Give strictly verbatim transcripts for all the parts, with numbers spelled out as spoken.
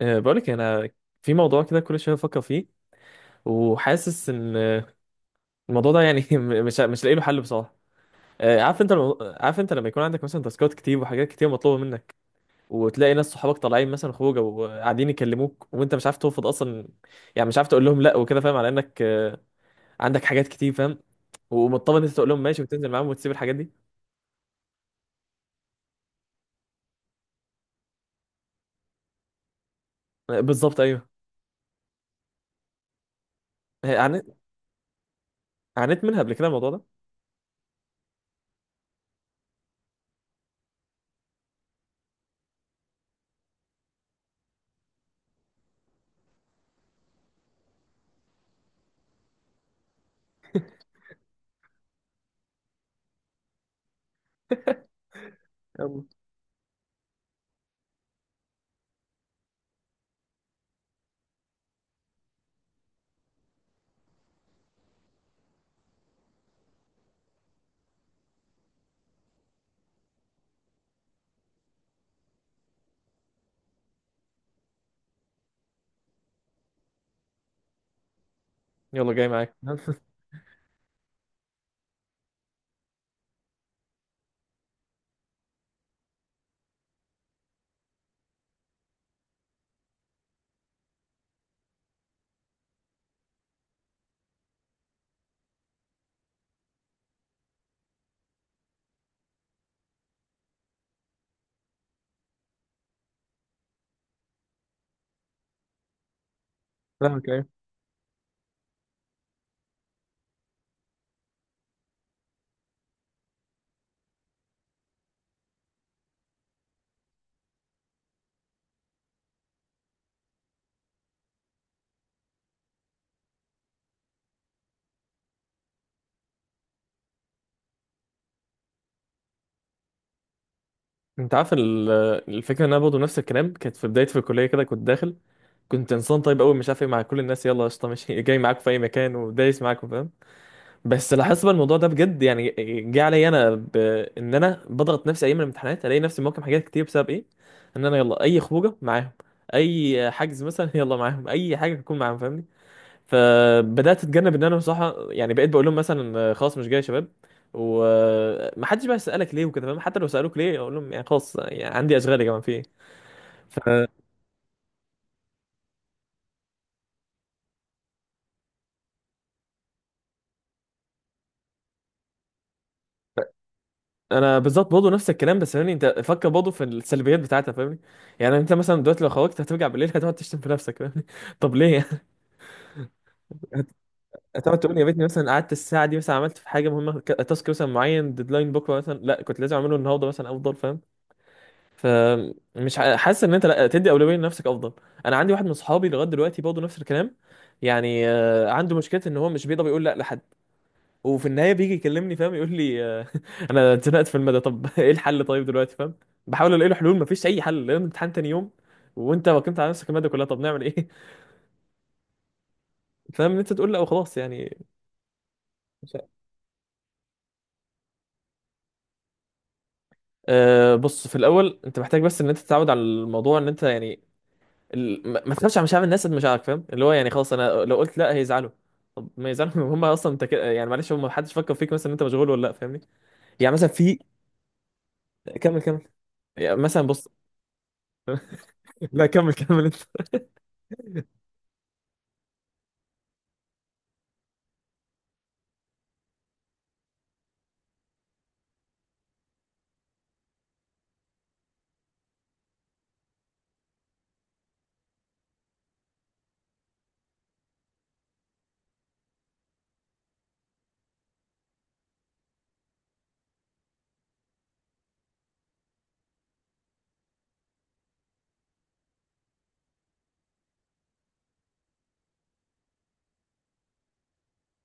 أه، بقولك انا في موضوع كده كل شويه بفكر فيه وحاسس ان أه، الموضوع ده يعني م- مش مش لاقي له حل بصراحه. أه، عارف انت المو... عارف انت لما يكون عندك مثلا تاسكات كتير وحاجات كتير مطلوبه منك، وتلاقي ناس صحابك طالعين مثلا خروجه وقاعدين يكلموك وانت مش عارف ترفض اصلا. يعني مش عارف تقول لهم لا وكده، فاهم؟ على انك أه، عندك حاجات كتير، فاهم؟ ومضطر ان انت تقول لهم ماشي وتنزل معاهم وتسيب الحاجات دي. أه، بالظبط، ايوه. أه، عانيت، عانيت منها قبل كده الموضوع ده. يلا، يلا جاي معاك. فاهمك. انت عارف ال- الفكره ان انا برضه نفس الكلام، كانت في بدايتي في الكليه كده، كنت داخل، كنت انسان طيب قوي مش عارف ايه مع كل الناس، يلا قشطه، ماشي، جاي معاكم في اي مكان ودايس معاكم، فاهم؟ بس لاحظت بقى الموضوع ده بجد يعني. جه عليا انا بان انا بضغط نفسي ايام الامتحانات، الاقي نفسي موقف حاجات كتير بسبب ايه؟ ان انا يلا اي خروجه معاهم، اي حجز مثلا، يلا معاهم اي حاجه تكون معاهم، فاهمني؟ فبدات اتجنب ان انا بصراحه، يعني بقيت بقول لهم مثلا آه، خلاص مش جاي يا شباب. ومحدش بقى يسالك ليه وكده، فاهم؟ حتى لو سالوك ليه اقول لهم يعني خلاص، يعني عندي اشغال يا جماعه في ايه. فانا بالظبط برضه نفس الكلام، بس فاهمني انت؟ فكر برضه في السلبيات بتاعتها، فاهمني؟ يعني انت مثلا دلوقتي لو خرجت هترجع بالليل، هتقعد تشتم في نفسك، فاهمني؟ طب ليه يعني؟ هت- هتقعد تقول يا ريتني مثلا قعدت الساعه دي، مثلا عملت في حاجه مهمه، ك- تاسك مثلا معين، ديدلاين بكره مثلا، لا كنت لازم اعمله النهارده مثلا افضل، فاهم؟ فمش ع- حاسس ان انت لا، تدي اولويه لنفسك افضل. انا عندي واحد من صحابي لغايه دلوقتي برضه نفس الكلام. يعني آه، عنده مشكله ان هو مش بيقدر يقول لا لحد. وفي النهايه بيجي يكلمني، فاهم؟ يقول لي آه، انا اتزنقت في المدى، طب ايه الحل طيب دلوقتي، فاهم؟ بحاول الاقي له حلول، مفيش اي حل لان امتحان تاني يوم، وانت وكمت على نفسك الماده كلها، طب نعمل ايه؟ فاهم ان انت تقول لا وخلاص يعني. مش عارف. أه، بص، في الاول انت محتاج بس ان انت تتعود على الموضوع، ان انت يعني ال- ما ما تخافش على مشاعر الناس قد مشاعرك، فاهم؟ اللي هو يعني خلاص انا لو قلت لا هيزعلوا، طب ما يزعلوا. هم اصلا انت كده يعني، معلش، هم محدش فكر فيك مثلا إن انت مشغول ولا لا، فاهمني؟ يعني مثلا في، كمل كمل. يعني مثلا بص، لا كمل كمل انت.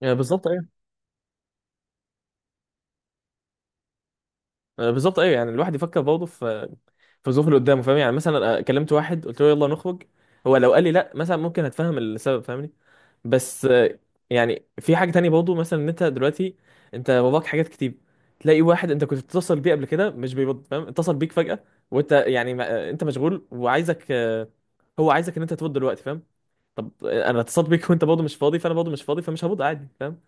يعني بالظبط ايوه، آه، بالظبط ايوه. يعني الواحد يفكر برضه في في الظروف اللي قدامه، فاهم؟ يعني مثلا أنا كلمت واحد قلت له يلا نخرج، هو لو قال لي لا مثلا ممكن اتفهم السبب، فاهمني؟ بس آه، يعني في حاجة تانية برضه، مثلا ان انت دلوقتي، انت باباك حاجات كتير، تلاقي واحد انت كنت بتتصل بيه قبل كده مش بيرد، فاهم؟ اتصل بيك فجأة، وانت يعني ما... آه، انت مشغول وعايزك، آه، هو عايزك ان انت ترد دلوقتي، فاهم؟ طب آه، انا اتصلت بيك وانت برضه مش فاضي، فانا برضه مش فاضي، فمش هرد عادي، فاهم؟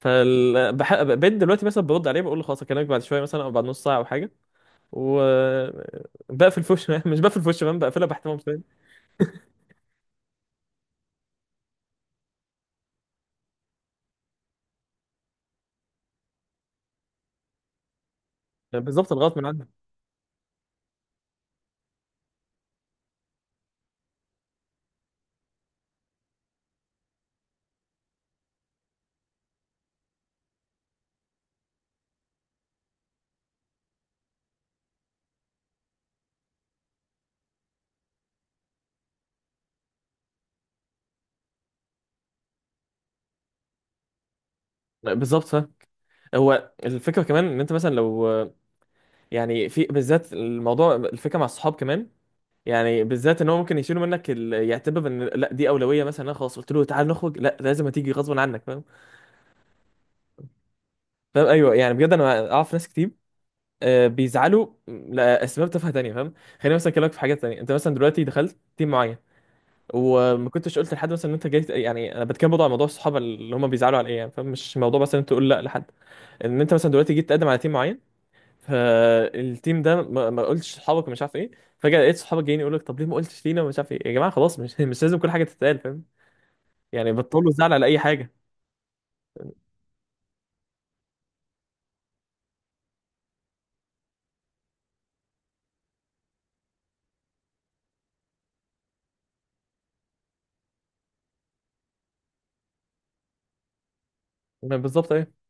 فال بح... بقيت دلوقتي مثلا برد عليه، بقول له خلاص اكلمك بعد شويه مثلا، او بعد نص ساعه او حاجه، و بقفل في وشه. مش بقفل في وشه، فاهم؟ بقفلها باحترام شويه. بالظبط الغلط من عندك. بالظبط، فاهم. هو الفكره كمان ان انت مثلا لو، يعني في بالذات الموضوع، الفكره مع الصحاب كمان، يعني بالذات ان هو ممكن يشيلوا منك ال... يعتبر ان لا دي اولويه، مثلا انا خلاص قلت له تعال نخرج، لا لازم هتيجي غصب عنك، فاهم؟ فاهم، ايوه. يعني بجد انا اعرف ناس كتير آه، بيزعلوا لاسباب تافهه تانية، فاهم؟ خليني مثلا اكلمك في حاجات تانية، انت مثلا دلوقتي دخلت تيم معين، وما كنتش قلت لحد مثلا ان انت جاي. يعني انا بتكلم برضه على موضوع الصحاب اللي هم بيزعلوا على ايه يعني، فاهم؟ مش موضوع مثلا انت تقول لا لحد. ان انت مثلا دلوقتي جيت تقدم على تيم معين، فالتيم ده ما, ما قلتش لصحابك ومش عارف ايه، فجأة لقيت صحابك جايين يقول لك طب ليه ما قلتش لينا ومش عارف ايه. يا جماعة، خلاص، مش مش لازم كل حاجة تتقال، فاهم؟ يعني بطلوا الزعل على أي حاجة. ما بالظبط ايه.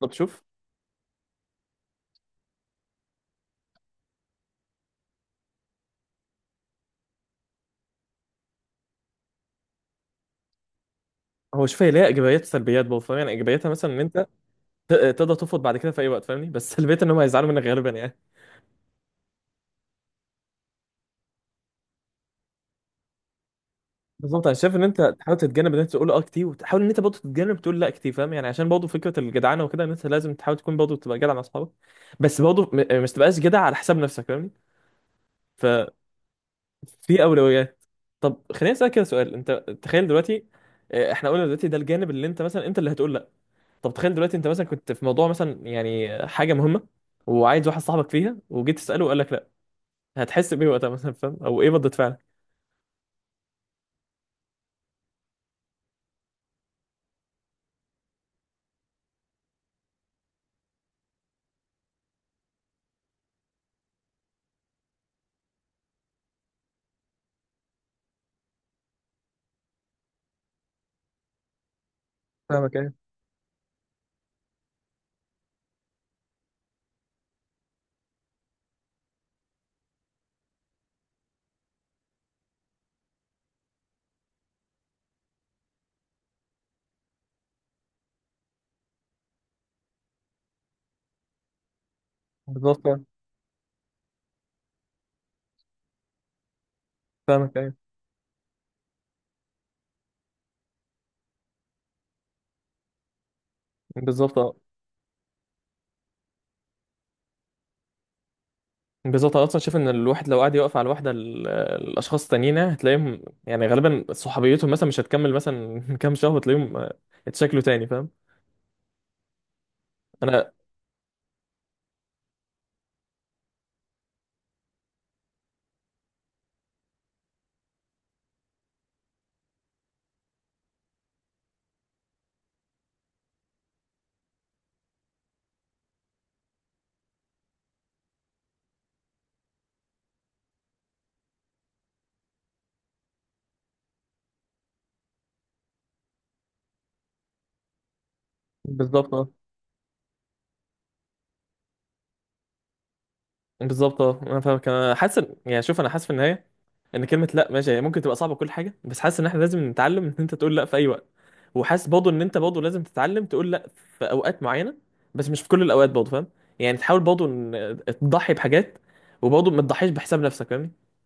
طب شوف، هو شوف، هي ليها إيجابيات وسلبيات برضه، فاهم؟ يعني إيجابياتها مثلا إن أنت ت- تقدر ترفض بعد كده في أي وقت، فاهمني؟ بس سلبيتها إن هم هيزعلوا منك غالبا يعني. بالظبط، أنا شايف إن أنت تحاول تتجنب إن أنت تقول أه كتير، وتحاول إن أنت برضه تتجنب تقول لا كتير، فاهم؟ يعني عشان برضه فكرة الجدعنة وكده، إن أنت لازم تحاول تكون برضه تبقى جدع مع أصحابك، بس برضه م- مش تبقاش جدع على حساب نفسك، فاهمني؟ في اولويات. طب خليني اسالك كده سؤال، انت تخيل دلوقتي، آه، احنا قلنا دلوقتي ده الجانب اللي انت مثلا انت اللي هتقول لا. طب تخيل دلوقتي انت مثلا كنت في موضوع مثلا، يعني حاجه مهمه، وعايز واحد صاحبك فيها، وجيت تساله وقال لك لا، هتحس بايه وقتها مثلا؟ فاهم؟ او ايه ردة فعلك؟ فاهمك، ايه بالظبط. آه، فاهمك، ايه بالظبط، اه بالظبط. انا اصلا شايف ان الواحد لو قعد يوقف على الواحده ال- الاشخاص التانيين، يعني هتلاقيهم يعني غالبا صحوبيتهم مثلا مش هتكمل مثلا كام شهر وتلاقيهم آه، اتشكلوا تاني، فاهم؟ انا بالظبط. بالظبط اه، انا فاهمك، انا حاسس إن- يعني شوف، انا حاسس في النهايه ان كلمه لا ماشي، هي ممكن تبقى صعبه كل حاجه، بس حاسس ان احنا لازم نتعلم ان انت تقول لا في اي وقت. وحاسس برضه ان انت برضه لازم تتعلم تقول لا في اوقات معينه، بس مش في كل الاوقات برضه، فاهم؟ يعني تحاول برضه ان آه، تضحي بحاجات، وبرضه ما تضحيش بحساب نفسك، فاهمني؟